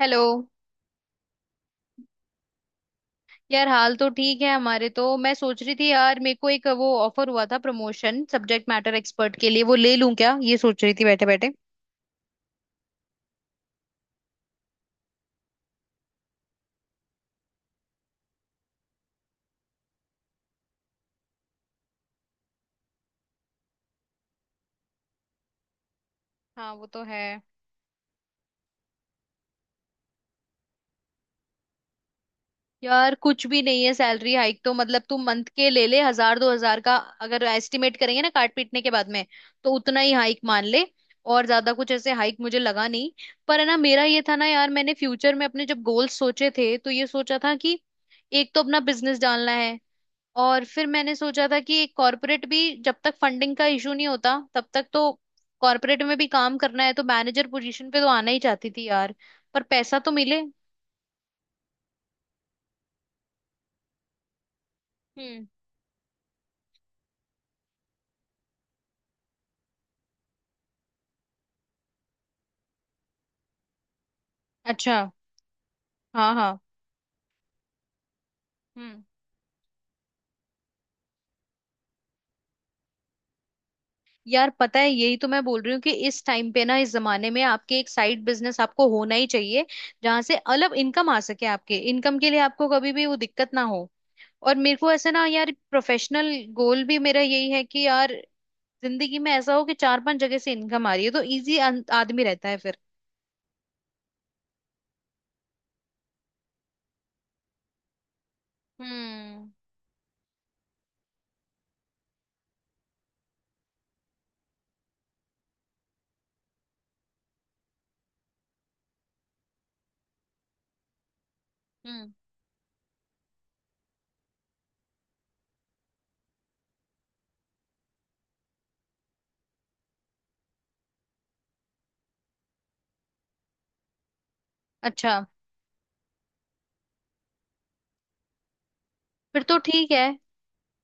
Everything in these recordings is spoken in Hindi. हेलो। यार, हाल तो ठीक है हमारे तो। मैं सोच रही थी यार मेरे को एक वो ऑफर हुआ था प्रमोशन सब्जेक्ट मैटर एक्सपर्ट के लिए, वो ले लूं क्या, ये सोच रही थी बैठे बैठे। हाँ, वो तो है। यार कुछ भी नहीं है, सैलरी हाइक तो मतलब तू मंथ के ले ले 1,000 2,000 का, अगर एस्टिमेट करेंगे ना काट पीटने के बाद में, तो उतना ही हाइक मान ले। और ज्यादा कुछ ऐसे हाइक मुझे लगा नहीं। पर है ना मेरा ये था ना यार, मैंने फ्यूचर में अपने जब गोल्स सोचे थे तो ये सोचा था कि एक तो अपना बिजनेस डालना है, और फिर मैंने सोचा था कि कॉर्पोरेट भी, जब तक फंडिंग का इशू नहीं होता तब तक तो कॉर्पोरेट में भी काम करना है, तो मैनेजर पोजीशन पे तो आना ही चाहती थी यार। पर पैसा तो मिले। हम्म। अच्छा। हाँ हाँ। हम्म। यार पता है, यही तो मैं बोल रही हूँ कि इस टाइम पे ना इस जमाने में आपके एक साइड बिजनेस आपको होना ही चाहिए, जहां से अलग इनकम आ सके, आपके इनकम के लिए आपको कभी भी वो दिक्कत ना हो। और मेरे को ऐसे ना यार प्रोफेशनल गोल भी मेरा यही है कि यार जिंदगी में ऐसा हो कि चार पांच जगह से इनकम आ रही है, तो इजी आदमी रहता है फिर। हम्म हम्म। अच्छा। फिर तो ठीक है।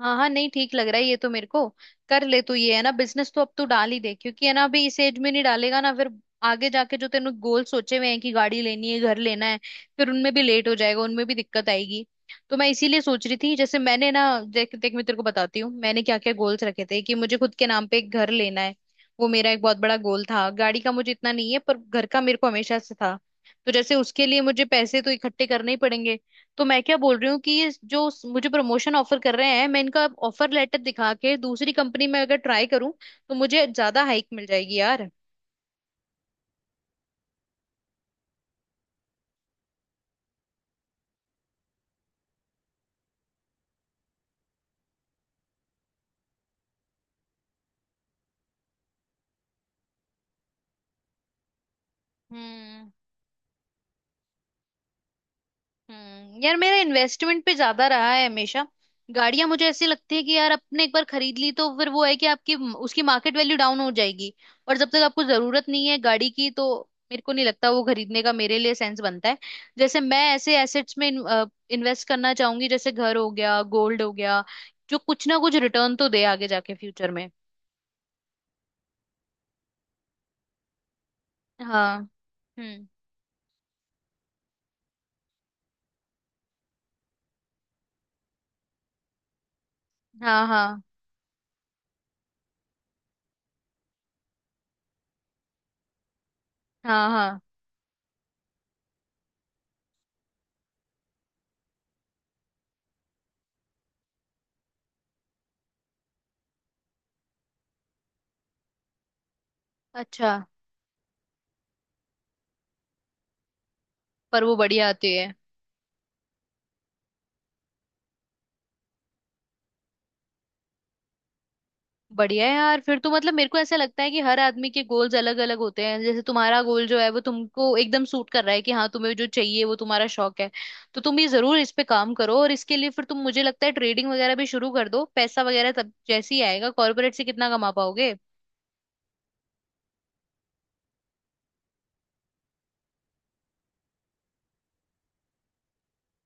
हाँ हाँ, नहीं ठीक लग रहा है ये तो मेरे को। कर ले तू ये, है ना, बिजनेस तो अब तू डाल ही दे, क्योंकि है ना अभी इस एज में नहीं डालेगा ना, फिर आगे जाके जो तेने गोल सोचे हुए हैं कि गाड़ी लेनी है घर लेना है, फिर उनमें भी लेट हो जाएगा, उनमें भी दिक्कत आएगी। तो मैं इसीलिए सोच रही थी, जैसे मैंने ना, देख देख मैं तेरे को बताती हूँ मैंने क्या क्या गोल्स रखे थे, कि मुझे खुद के नाम पे एक घर लेना है, वो मेरा एक बहुत बड़ा गोल था। गाड़ी का मुझे इतना नहीं है पर घर का मेरे को हमेशा से था। तो जैसे उसके लिए मुझे पैसे तो इकट्ठे करने ही पड़ेंगे। तो मैं क्या बोल रही हूँ कि ये जो मुझे प्रमोशन ऑफर कर रहे हैं, मैं इनका ऑफर लेटर दिखा के दूसरी कंपनी में अगर ट्राई करूँ तो मुझे ज्यादा हाइक मिल जाएगी यार। हम्म हम्म। यार मेरा इन्वेस्टमेंट पे ज्यादा रहा है हमेशा। गाड़ियां मुझे ऐसी लगती है कि यार आपने एक बार खरीद ली तो फिर वो है कि आपकी उसकी मार्केट वैल्यू डाउन हो जाएगी, और जब तक आपको जरूरत नहीं है गाड़ी की तो मेरे को नहीं लगता वो खरीदने का मेरे लिए सेंस बनता है। जैसे मैं ऐसे एसेट्स में इन्वेस्ट करना चाहूंगी, जैसे घर हो गया गोल्ड हो गया, जो कुछ ना कुछ रिटर्न तो दे आगे जाके फ्यूचर में। हाँ। हम्म। हाँ हाँ। हाँ हाँ। अच्छा। पर वो बढ़िया आती है। बढ़िया है यार। फिर तो मतलब मेरे को ऐसा लगता है कि हर आदमी के गोल्स अलग अलग होते हैं, जैसे तुम्हारा गोल जो है वो तुमको एकदम सूट कर रहा है, कि हाँ तुम्हें जो चाहिए वो तुम्हारा शौक है, तो तुम ये जरूर इस पे काम करो, और इसके लिए फिर तुम मुझे लगता है ट्रेडिंग वगैरह भी शुरू कर दो, पैसा वगैरह तब जैसे ही आएगा कॉर्पोरेट से कितना कमा पाओगे।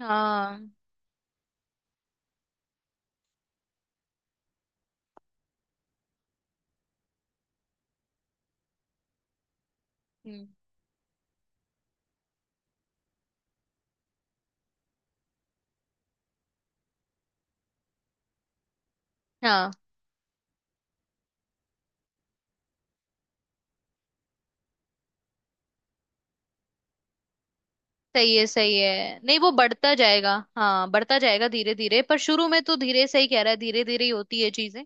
हाँ। हम्म। हाँ। सही है सही है, नहीं वो बढ़ता जाएगा, हाँ बढ़ता जाएगा धीरे धीरे, पर शुरू में तो धीरे, सही कह रहा है, धीरे धीरे ही होती है चीजें।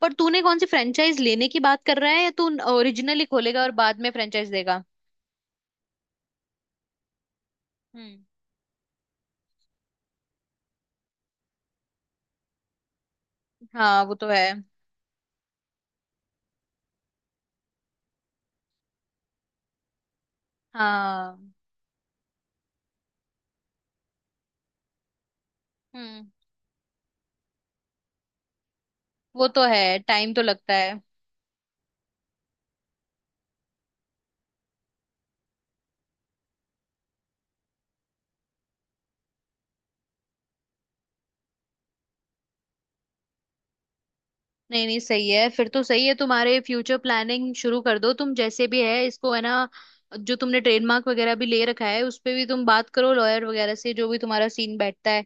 पर तूने कौन सी फ्रेंचाइज लेने की बात कर रहा है, या तू ओरिजिनली खोलेगा और बाद में फ्रेंचाइज देगा? हम्म। हाँ वो तो है। हाँ। हम्म। वो तो है, टाइम तो लगता है। नहीं नहीं सही है, फिर तो सही है, तुम्हारे फ्यूचर प्लानिंग शुरू कर दो तुम, जैसे भी है इसको, है ना, जो तुमने ट्रेडमार्क वगैरह भी ले रखा है उस पे भी तुम बात करो लॉयर वगैरह से, जो भी तुम्हारा सीन बैठता है,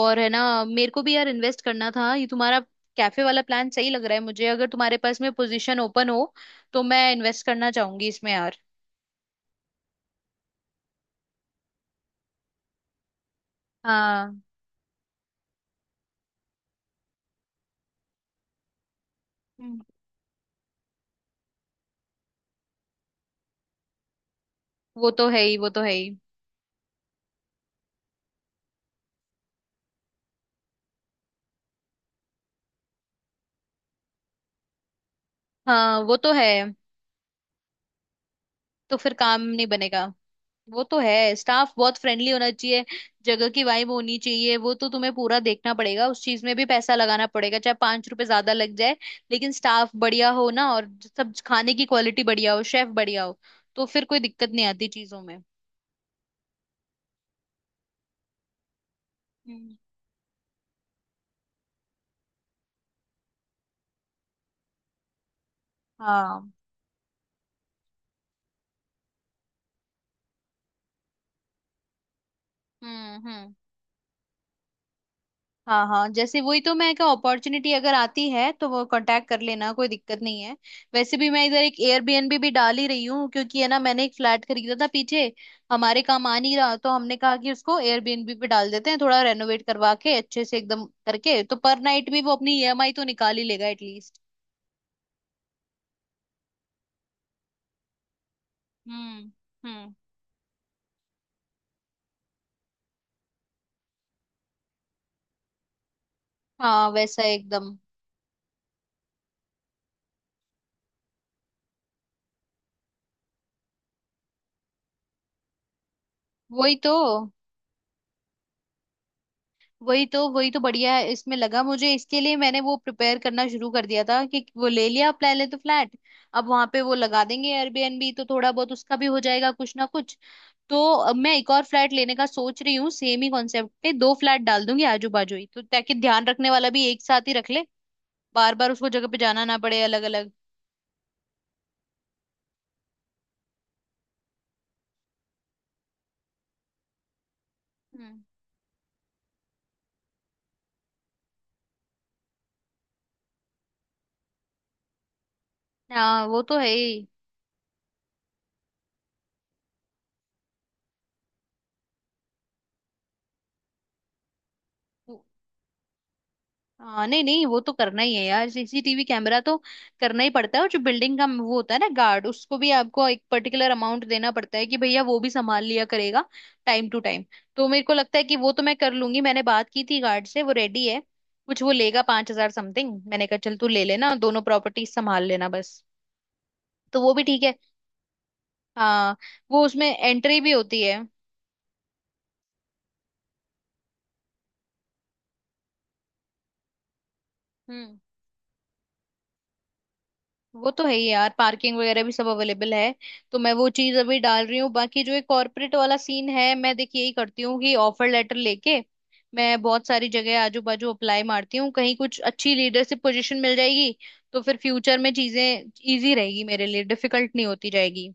और है ना मेरे को भी यार इन्वेस्ट करना था, ये तुम्हारा कैफे वाला प्लान सही लग रहा है मुझे, अगर तुम्हारे पास में पोजीशन ओपन हो तो मैं इन्वेस्ट करना चाहूंगी इसमें यार। हाँ। हम्म। वो तो है ही, वो तो है ही। हाँ वो तो है, तो फिर काम नहीं बनेगा। वो तो है, स्टाफ बहुत फ्रेंडली होना चाहिए, जगह की वाइब होनी चाहिए, वो तो तुम्हें पूरा देखना पड़ेगा, उस चीज में भी पैसा लगाना पड़ेगा चाहे 5 रुपए ज्यादा लग जाए, लेकिन स्टाफ बढ़िया हो ना, और सब खाने की क्वालिटी बढ़िया हो शेफ बढ़िया हो, तो फिर कोई दिक्कत नहीं आती चीजों में। हम्म। हाँ। हम्म। हाँ हाँ जैसे, वही तो मैं क्या, अपॉर्चुनिटी अगर आती है तो वो कांटेक्ट कर लेना, कोई दिक्कत नहीं है। वैसे भी मैं इधर एक एयरबीएनबी भी डाल ही रही हूँ, क्योंकि है ना मैंने एक फ्लैट खरीदा था पीछे, हमारे काम आ नहीं रहा, तो हमने कहा कि उसको एयरबीएनबी पे डाल देते हैं, थोड़ा रेनोवेट करवा के अच्छे से एकदम करके, तो पर नाइट भी वो अपनी ईएमआई तो निकाल ही लेगा एटलीस्ट। हम्म हम्म। हाँ वैसा एकदम। वही तो, वही तो, वही तो बढ़िया है इसमें, लगा मुझे इसके लिए मैंने वो प्रिपेयर करना शुरू कर दिया था कि वो ले लिया पहले तो फ्लैट, अब वहां पे वो लगा देंगे एयरबीएनबी, तो थोड़ा बहुत उसका भी हो जाएगा कुछ ना कुछ। तो अब मैं एक और फ्लैट लेने का सोच रही हूँ, सेम ही कॉन्सेप्ट पे दो फ्लैट डाल दूंगी आजू बाजू ही, तो ताकि ध्यान रखने वाला भी एक साथ ही रख ले, बार बार उसको जगह पे जाना ना पड़े अलग अलग। हम्म। हाँ वो तो है ही। हाँ नहीं नहीं, वो तो करना ही है यार सीसीटीवी कैमरा तो, करना ही पड़ता है, और जो बिल्डिंग का वो होता है ना गार्ड उसको भी आपको एक पर्टिकुलर अमाउंट देना पड़ता है कि भैया वो भी संभाल लिया करेगा टाइम टू टाइम। तो मेरे को लगता है कि वो तो मैं कर लूंगी, मैंने बात की थी गार्ड से वो रेडी है, कुछ वो लेगा 5,000 समथिंग, मैंने कहा चल तू ले लेना दोनों प्रॉपर्टी संभाल लेना बस। तो वो भी ठीक है। हाँ। वो उसमें एंट्री भी होती है। हम्म। वो तो है ही यार, पार्किंग वगैरह भी सब अवेलेबल है, तो मैं वो चीज अभी डाल रही हूँ। बाकी जो ये कॉर्पोरेट वाला सीन है मैं देखिए यही करती हूँ कि ऑफर लेटर लेके मैं बहुत सारी जगह आजू बाजू अप्लाई मारती हूँ, कहीं कुछ अच्छी लीडरशिप पोजीशन मिल जाएगी, तो फिर फ्यूचर में चीजें इजी रहेगी मेरे लिए, डिफिकल्ट नहीं होती जाएगी।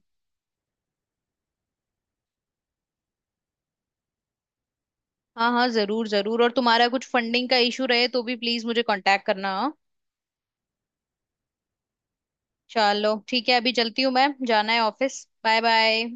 हाँ हाँ जरूर जरूर, और तुम्हारा कुछ फंडिंग का इशू रहे तो भी प्लीज मुझे कांटेक्ट करना, हाँ? चलो ठीक है, अभी चलती हूँ, मैं जाना है ऑफिस, बाय बाय।